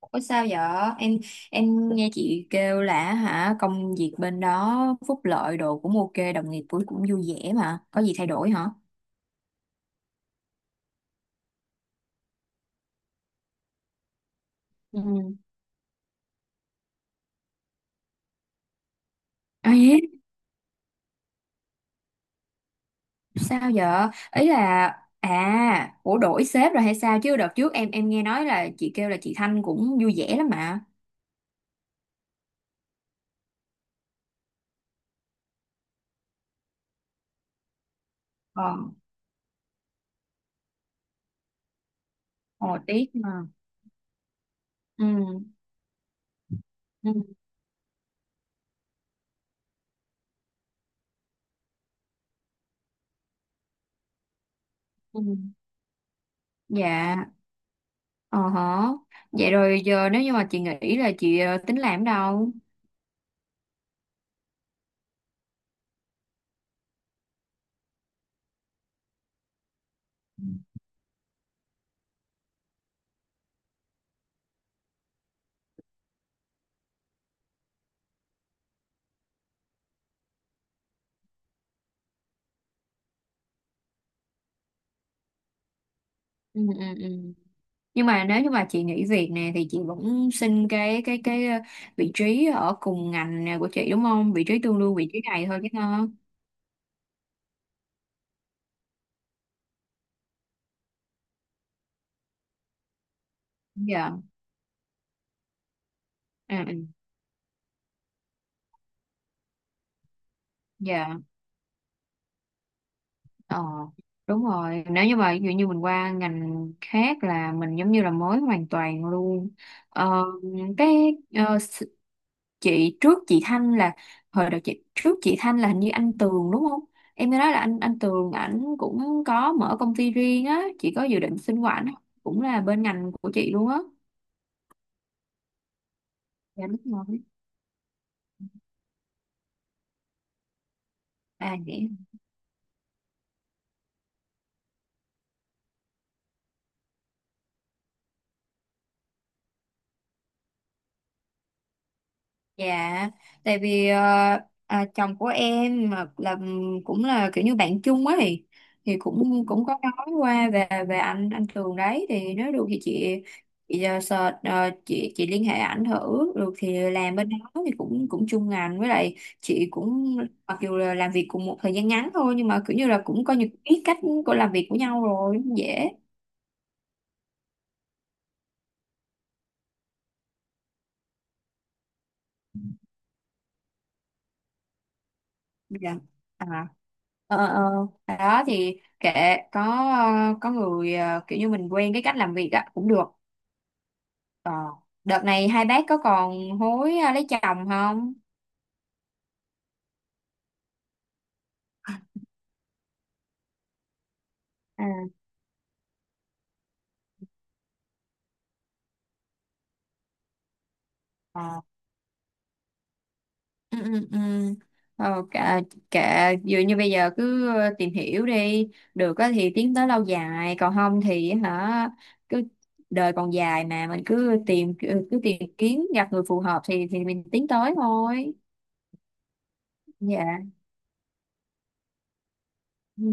Ủa sao vậy? Em em nghe chị kêu là hả công việc bên đó phúc lợi đồ cũng ok, đồng nghiệp cũng cũng vui vẻ mà. Có gì thay đổi hả? Ừ. Ấy, sao vậy? Ý là ủa đổi sếp rồi hay sao chứ đợt trước em nghe nói là chị kêu là chị Thanh cũng vui vẻ lắm mà. Ờ, ồ tiếc mà. Ừ. Ừ. Ừ. Dạ, ờ hả. Vậy rồi giờ nếu như mà chị nghĩ là chị tính làm ở đâu? Ừ. Ừ. Ừ. Nhưng mà nếu như mà chị nghỉ việc nè thì chị vẫn xin cái vị trí ở cùng ngành nè của chị đúng không, vị trí tương đương vị trí này thôi chứ nó dạ. À, ừ. Dạ, ờ đúng rồi, nếu như mà ví dụ như mình qua ngành khác là mình giống như là mới hoàn toàn luôn. ờ, cái ờ, chị trước chị Thanh là hồi đầu, chị trước chị Thanh là hình như anh Tường đúng không? Em nghe nói là anh Tường ảnh cũng có mở công ty riêng á, chị có dự định xin qua ảnh không? Cũng là bên ngành của chị luôn á. Dạ đúng rồi. À vậy. Dạ, tại vì chồng của em mà là ừ, cũng là kiểu như bạn chung ấy, thì cũng cũng có nói qua về về anh Tường đấy, thì nếu được thì chị, chị liên hệ ảnh thử, được thì làm bên đó thì cũng cũng chung ngành, với lại chị cũng mặc dù là làm việc cùng một thời gian ngắn thôi nhưng mà kiểu như là cũng coi như biết cách của làm việc của nhau rồi, cũng dễ. Dạ. À. Ờ ờ ờ. Đó thì kệ, có có người kiểu như mình quen cái cách làm việc á cũng được. Ờ, đợt này hai bác có còn hối lấy chồng không? À, ờ ừ ừ ừ. Ờ kệ, kệ vừa như bây giờ cứ tìm hiểu đi, được á thì tiến tới lâu dài, còn không thì hả cứ, đời còn dài mà, mình cứ tìm kiếm gặp người phù hợp thì mình tiến tới thôi. Dạ. Ừ.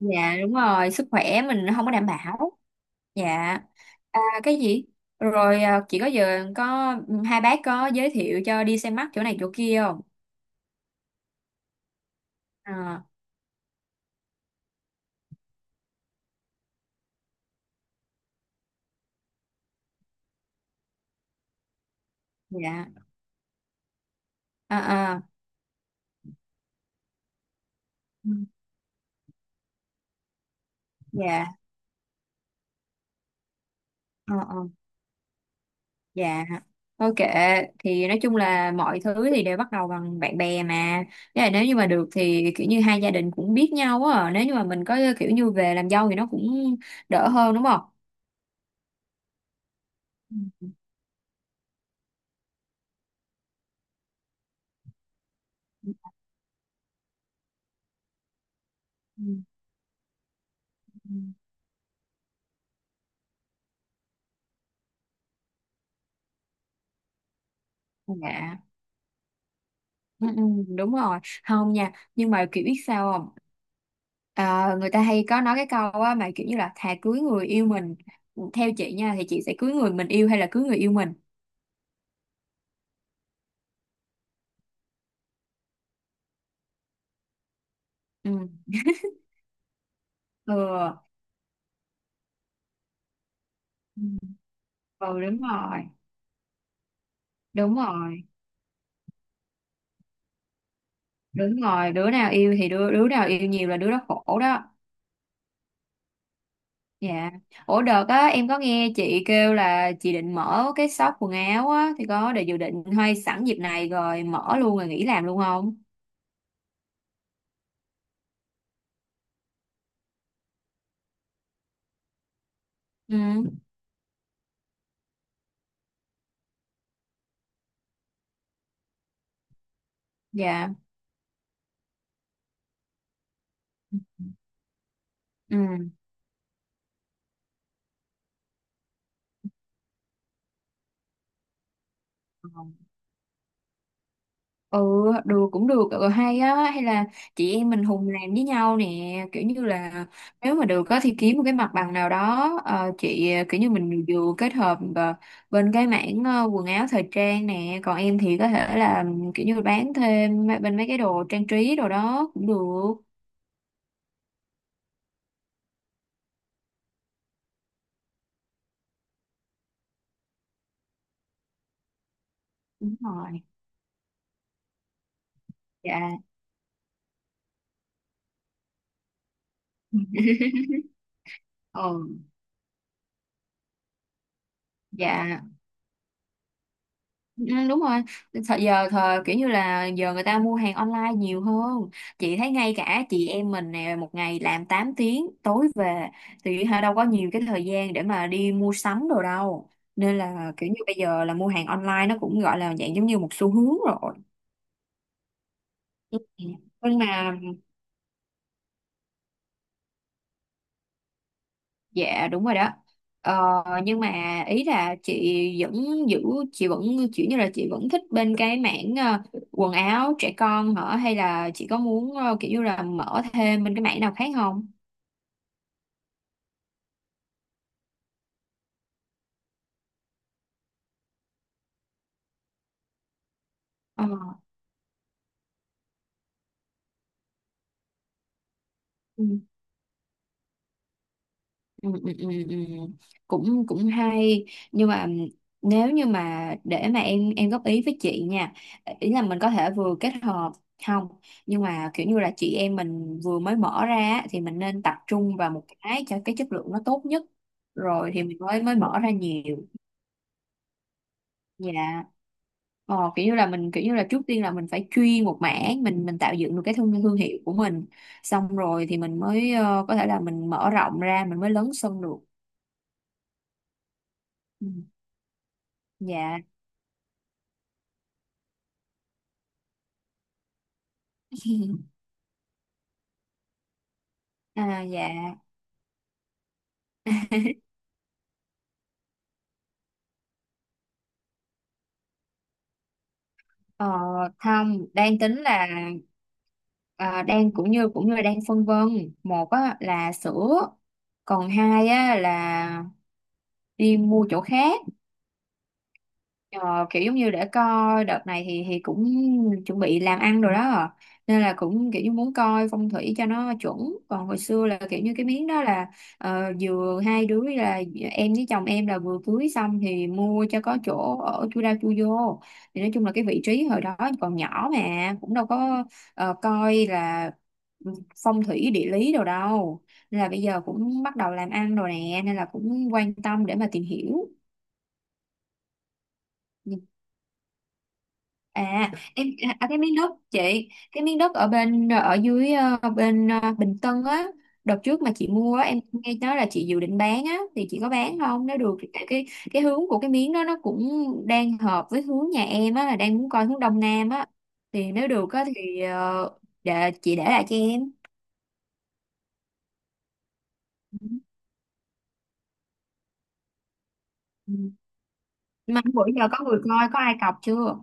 Dạ đúng rồi, sức khỏe mình không có đảm bảo. Dạ. À, cái gì, rồi à, chị có giờ có ừ, hai bác có giới thiệu cho đi xem mắt chỗ này chỗ kia không? À, dạ à, à, ừ, dạ ờ, ờ, dạ thôi kệ, thì nói chung là mọi thứ thì đều bắt đầu bằng bạn bè mà. Với lại nếu như mà được thì kiểu như hai gia đình cũng biết nhau á, nếu như mà mình có kiểu như về làm dâu thì nó cũng đỡ hơn đúng không? Ừ, ừ, ừ, ừ. Dạ. Ừ, ừ, đúng rồi, không nha, nhưng mà kiểu biết sao không? À, người ta hay có nói cái câu á mà kiểu như là thà cưới người yêu mình. Ừ, theo chị nha, thì chị sẽ cưới người mình yêu hay là cưới người yêu mình? Ừ ừ. Ừ. Ừ đúng rồi. Đúng rồi, đúng rồi, đứa nào yêu thì đứa đứa nào yêu nhiều là đứa đó khổ đó. Dạ. Ủa đợt á em có nghe chị kêu là chị định mở cái shop quần áo á, thì có để dự định hay sẵn dịp này rồi mở luôn rồi nghỉ làm luôn không? Ừ. Dạ. Ừ ừ, được cũng được, ừ, hay á, hay là chị em mình hùng làm với nhau nè, kiểu như là nếu mà được á thì kiếm một cái mặt bằng nào đó, ờ, chị ờ, kiểu như mình vừa kết hợp bên cái mảng quần áo thời trang nè, còn em thì có thể là ừ, kiểu như bán thêm mấy- bên mấy cái đồ trang trí đồ đó cũng được. Đúng rồi. Dạ. Ừ. Dạ. Ừ, đúng rồi, thời giờ thời kiểu như là giờ người ta mua hàng online nhiều hơn. Chị thấy ngay cả chị em mình nè, một ngày làm 8 tiếng tối về thì hả đâu có nhiều cái thời gian để mà đi mua sắm đồ đâu, nên là kiểu như bây giờ là mua hàng online nó cũng gọi là dạng giống như một xu hướng rồi. Ừ. Nhưng mà dạ đúng rồi đó. Ờ, nhưng mà ý là chị vẫn giữ, chị vẫn kiểu như là chị vẫn thích bên cái mảng quần áo trẻ con hả, hay là chị có muốn kiểu như là mở thêm bên cái mảng nào khác không? Ờ. Ừ, ừ, ừ, ừ. Cũng cũng hay, nhưng mà nếu như mà để mà em góp ý với chị nha, ý là mình có thể vừa kết hợp, không, nhưng mà kiểu như là chị em mình vừa mới mở ra á, thì mình nên tập trung vào một cái cho cái chất lượng nó tốt nhất, rồi thì mình mới mới mở ra nhiều. Dạ. Ờ, kiểu như là mình, kiểu như là trước tiên là mình phải chuyên một mảng, mình tạo dựng được cái thương thương hiệu của mình, xong rồi thì mình mới có thể là mình mở rộng ra, mình mới lớn sân được. Ừ. Dạ. À dạ, ờ, không, đang tính là à, đang cũng như đang phân vân, một á, là sữa, còn hai á, là đi mua chỗ khác. Ờ, kiểu giống như để coi đợt này thì cũng chuẩn bị làm ăn rồi đó à. Nên là cũng kiểu như muốn coi phong thủy cho nó chuẩn, còn hồi xưa là kiểu như cái miếng đó là vừa hai đứa là em với chồng em là vừa cưới xong thì mua cho có chỗ ở chui ra chui vô, thì nói chung là cái vị trí hồi đó còn nhỏ mà cũng đâu có coi là phong thủy địa lý đâu đâu, nên là bây giờ cũng bắt đầu làm ăn rồi nè nên là cũng quan tâm để mà tìm hiểu. Ừ. À, em à, à, cái miếng đất chị, cái miếng đất ở bên ở dưới bên Bình Tân á, đợt trước mà chị mua á, em nghe nói là chị dự định bán á, thì chị có bán không? Nếu được thì tại cái hướng của cái miếng đó nó cũng đang hợp với hướng nhà em á, là đang muốn coi hướng Đông Nam á. Thì nếu được á thì để chị để lại cho em. Ừ. Ừ. Mà bữa giờ có người coi có ai cọc chưa?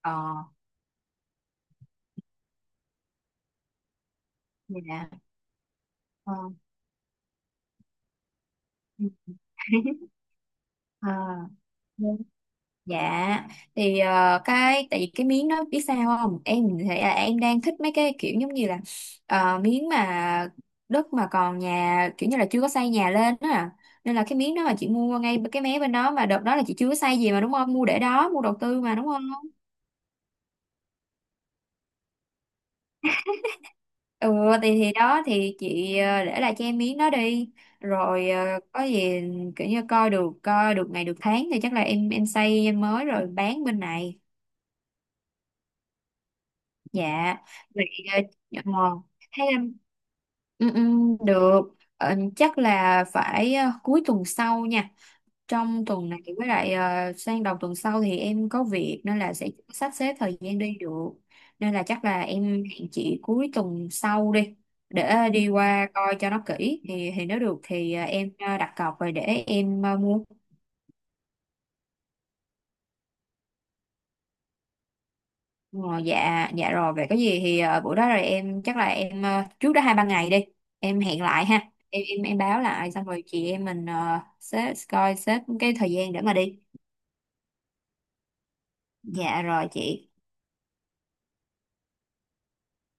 Ờ, dạ. Ờ. À. Dạ thì cái tại vì cái miếng đó biết sao không, em thì là em đang thích mấy cái kiểu giống như là miếng mà đất mà còn nhà kiểu như là chưa có xây nhà lên đó à. Nên là cái miếng đó mà chị mua ngay cái mé bên đó mà đợt đó là chị chưa có xây gì mà đúng không, mua để đó mua đầu tư mà đúng không? Ừ, thì đó thì chị để lại cho em miếng đó đi, rồi có gì kiểu như coi được ngày được tháng thì chắc là em xây em mới rồi bán bên này. Dạ. Vậy ờ, ờ, hay là ừ, ừ, được. Ờ, chắc là phải cuối tuần sau nha, trong tuần này với lại sang đầu tuần sau thì em có việc nên là sẽ sắp xếp thời gian đi được, nên là chắc là em hẹn chị cuối tuần sau đi, để đi qua coi cho nó kỹ, thì nếu được thì em đặt cọc rồi để em mua. Ờ, dạ dạ rồi, vậy có gì thì buổi đó rồi em chắc là em trước đó hai ba ngày đi em hẹn lại ha, em báo lại xong rồi chị em mình xếp coi xếp cái thời gian để mà đi. Dạ rồi chị.